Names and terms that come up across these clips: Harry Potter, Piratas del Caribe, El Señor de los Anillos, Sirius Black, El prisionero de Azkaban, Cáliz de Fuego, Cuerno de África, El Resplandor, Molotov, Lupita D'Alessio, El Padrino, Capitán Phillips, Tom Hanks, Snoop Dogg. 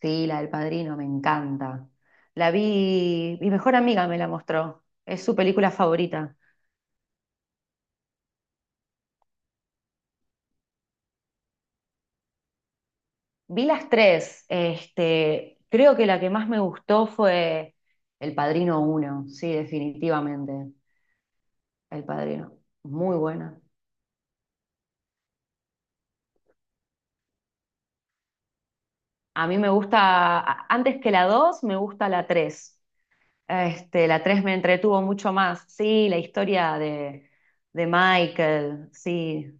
Sí, la del Padrino, me encanta. La vi, mi mejor amiga me la mostró, es su película favorita. Vi las tres, creo que la que más me gustó fue El Padrino uno, sí, definitivamente, El Padrino, muy buena. A mí me gusta, antes que la 2, me gusta la 3. La 3 me entretuvo mucho más, sí, la historia de Michael, sí.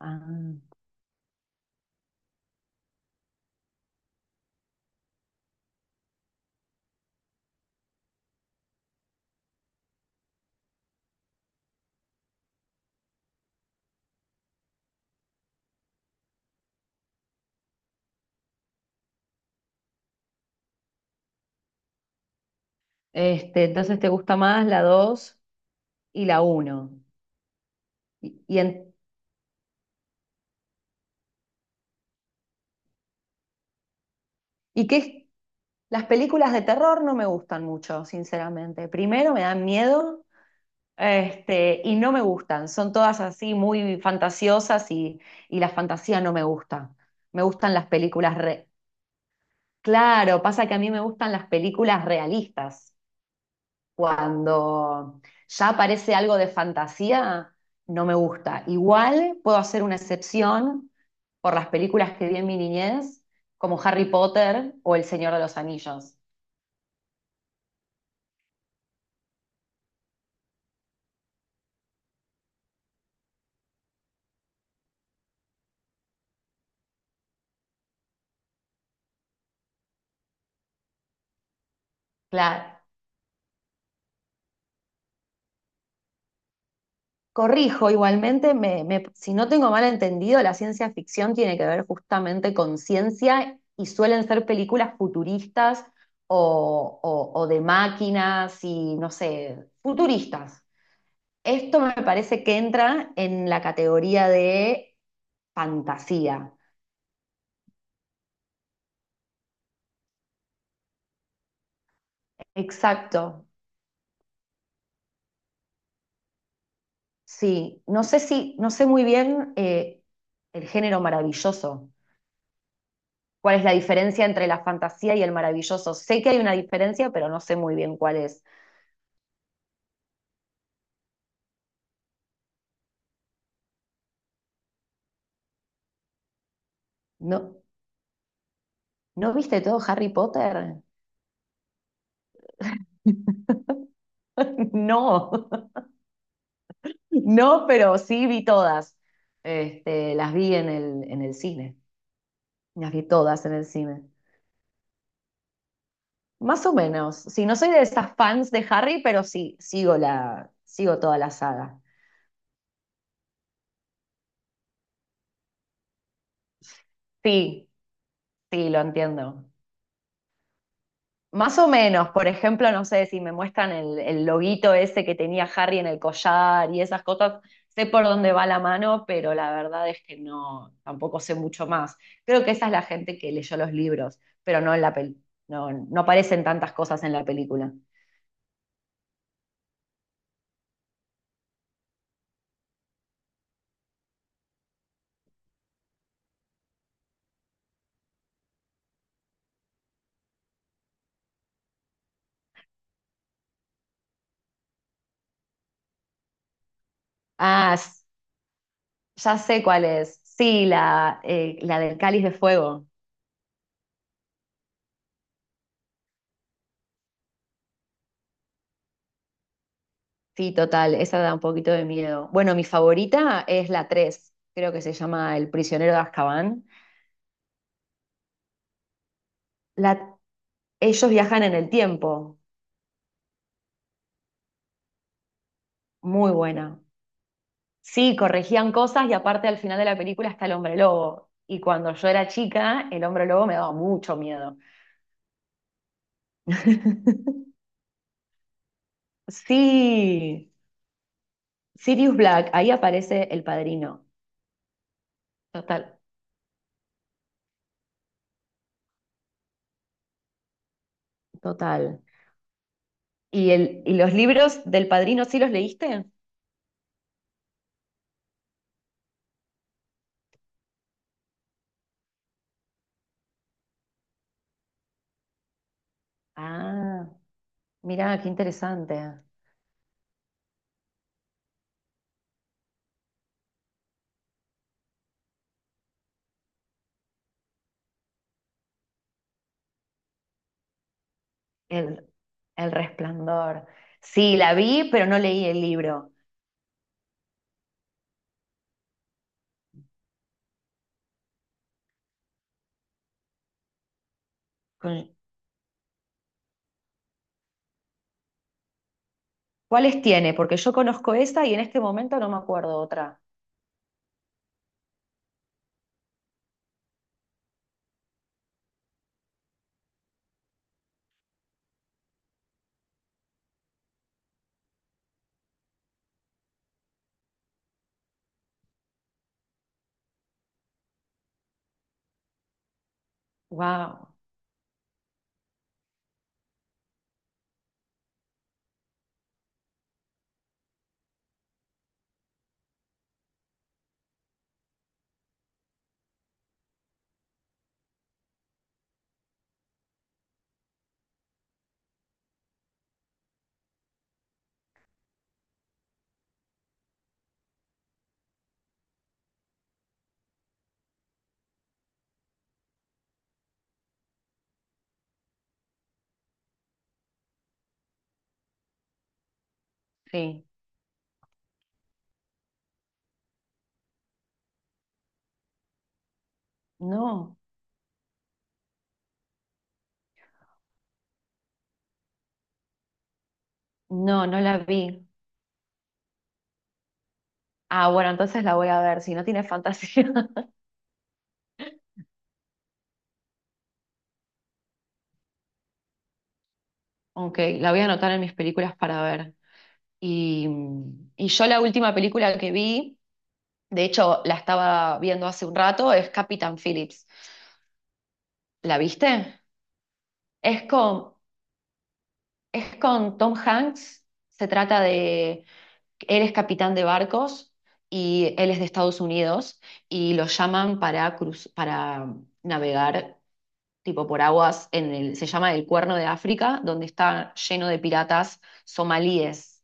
Ah. Este, entonces, ¿te gusta más la dos y la uno. Y, en- y que las películas de terror no me gustan mucho, sinceramente. Primero me dan miedo, y no me gustan. Son todas así muy fantasiosas y la fantasía no me gusta. Me gustan las películas re- Claro, pasa que a mí me gustan las películas realistas. Cuando ya aparece algo de fantasía, no me gusta. Igual puedo hacer una excepción por las películas que vi en mi niñez, como Harry Potter o El Señor de los Anillos. Claro, corrijo igualmente, si no tengo mal entendido, la ciencia ficción tiene que ver justamente con ciencia y suelen ser películas futuristas o de máquinas y no sé, futuristas. Esto me parece que entra en la categoría de fantasía. Exacto, sí. No sé si, no sé muy bien el género maravilloso. ¿Cuál es la diferencia entre la fantasía y el maravilloso? Sé que hay una diferencia, pero no sé muy bien cuál es. ¿No, ¿No viste todo Harry Potter? No, no, pero sí vi todas. Las vi en el cine. Las vi todas en el cine. Más o menos. Sí, no soy de esas fans de Harry, pero sí, sigo toda la saga. Sí, sí, lo entiendo. Más o menos, por ejemplo, no sé si me muestran el loguito ese que tenía Harry en el collar y esas cosas, sé por dónde va la mano, pero la verdad es que no, tampoco sé mucho más. Creo que esa es la gente que leyó los libros, pero no, no aparecen tantas cosas en la película. Ah, s- ya sé cuál es. Sí, la del Cáliz de Fuego. Sí, total, esa da un poquito de miedo. Bueno, mi favorita es la 3, creo que se llama El prisionero de Azkaban. La, Ellos viajan en el tiempo, muy buena. Sí, corregían cosas y aparte al final de la película está el hombre lobo. Y cuando yo era chica, el hombre lobo me daba mucho miedo. Sí, Sirius Black, ahí aparece el padrino. Total, total. ¿Y, y los libros del padrino sí los leíste? Ah, mirá, qué interesante. El, El Resplandor. Sí, la vi, pero no leí el libro. Con- ¿Cuáles tiene? Porque yo conozco esa y en este momento no me acuerdo otra. Wow, sí. No, no la vi. Ah, bueno, entonces la voy a ver, si no tiene fantasía. Ok, la voy a anotar en mis películas para ver. Y, y yo la última película que vi, de hecho la estaba viendo hace un rato, es Capitán Phillips. ¿La viste? Es con, es con Tom Hanks. Se trata de él. Es capitán de barcos y él es de Estados Unidos y lo llaman para, para navegar tipo por aguas en el, se llama el Cuerno de África, donde está lleno de piratas somalíes.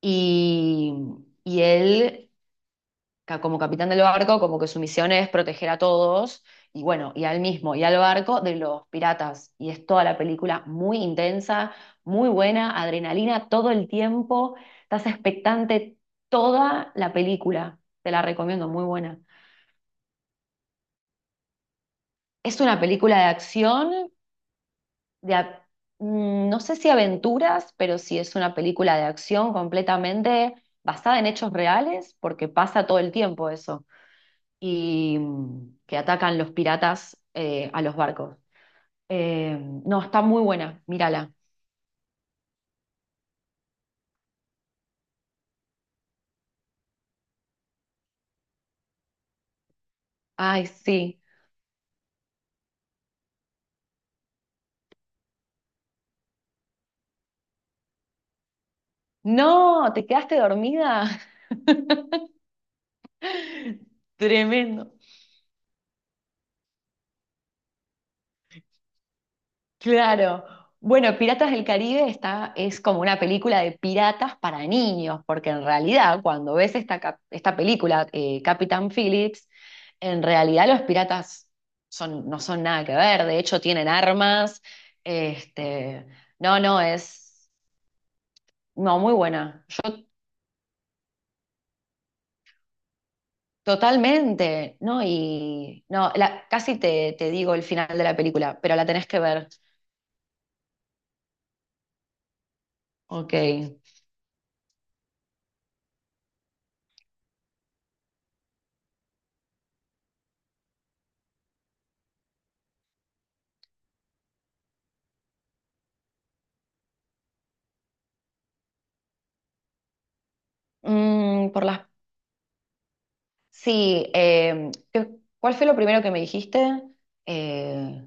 Y, y él como capitán del barco, como que su misión es proteger a todos, y bueno, y al barco de los piratas. Y es toda la película muy intensa, muy buena, adrenalina todo el tiempo, estás expectante toda la película, te la recomiendo, muy buena. Es una película de acción, de, a- no sé si aventuras, pero sí es una película de acción completamente basada en hechos reales, porque pasa todo el tiempo eso. Y que atacan los piratas a los barcos. Eh, no, está muy buena, mírala. Ay, sí. No, ¿te quedaste dormida? Tremendo. Claro. Bueno, Piratas del Caribe está, es como una película de piratas para niños, porque en realidad cuando ves esta película, Capitán Phillips, en realidad los piratas son, no son nada que ver, de hecho tienen armas. Este, no, no, es no, muy buena. Totalmente, ¿no? Y no, casi te digo el final de la película, pero la tenés que ver. Ok. Mm, por las Sí, ¿cuál fue lo primero que me dijiste? Eh,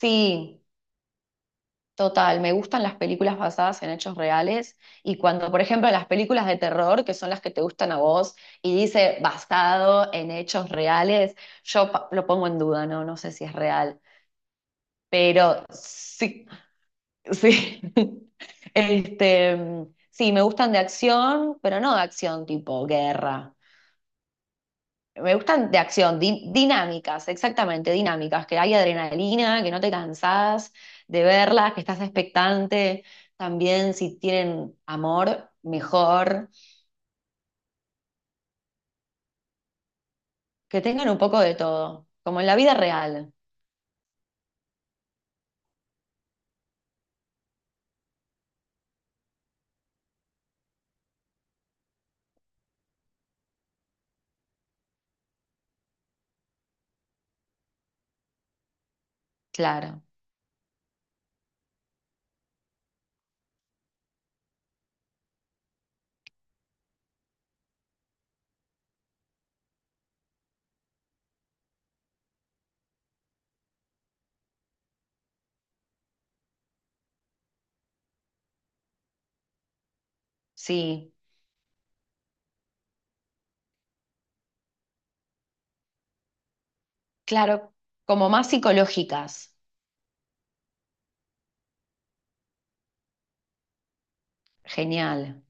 sí, total, me gustan las películas basadas en hechos reales y cuando, por ejemplo, las películas de terror, que son las que te gustan a vos, y dice basado en hechos reales, yo lo pongo en duda, no, no sé si es real, pero sí, sí. Este, sí, me gustan de acción, pero no de acción tipo guerra. Me gustan de acción, dinámicas, exactamente, dinámicas, que hay adrenalina, que no te cansás de verlas, que estás expectante. También si tienen amor, mejor, que tengan un poco de todo, como en la vida real, claro, sí, claro, como más psicológicas, genial.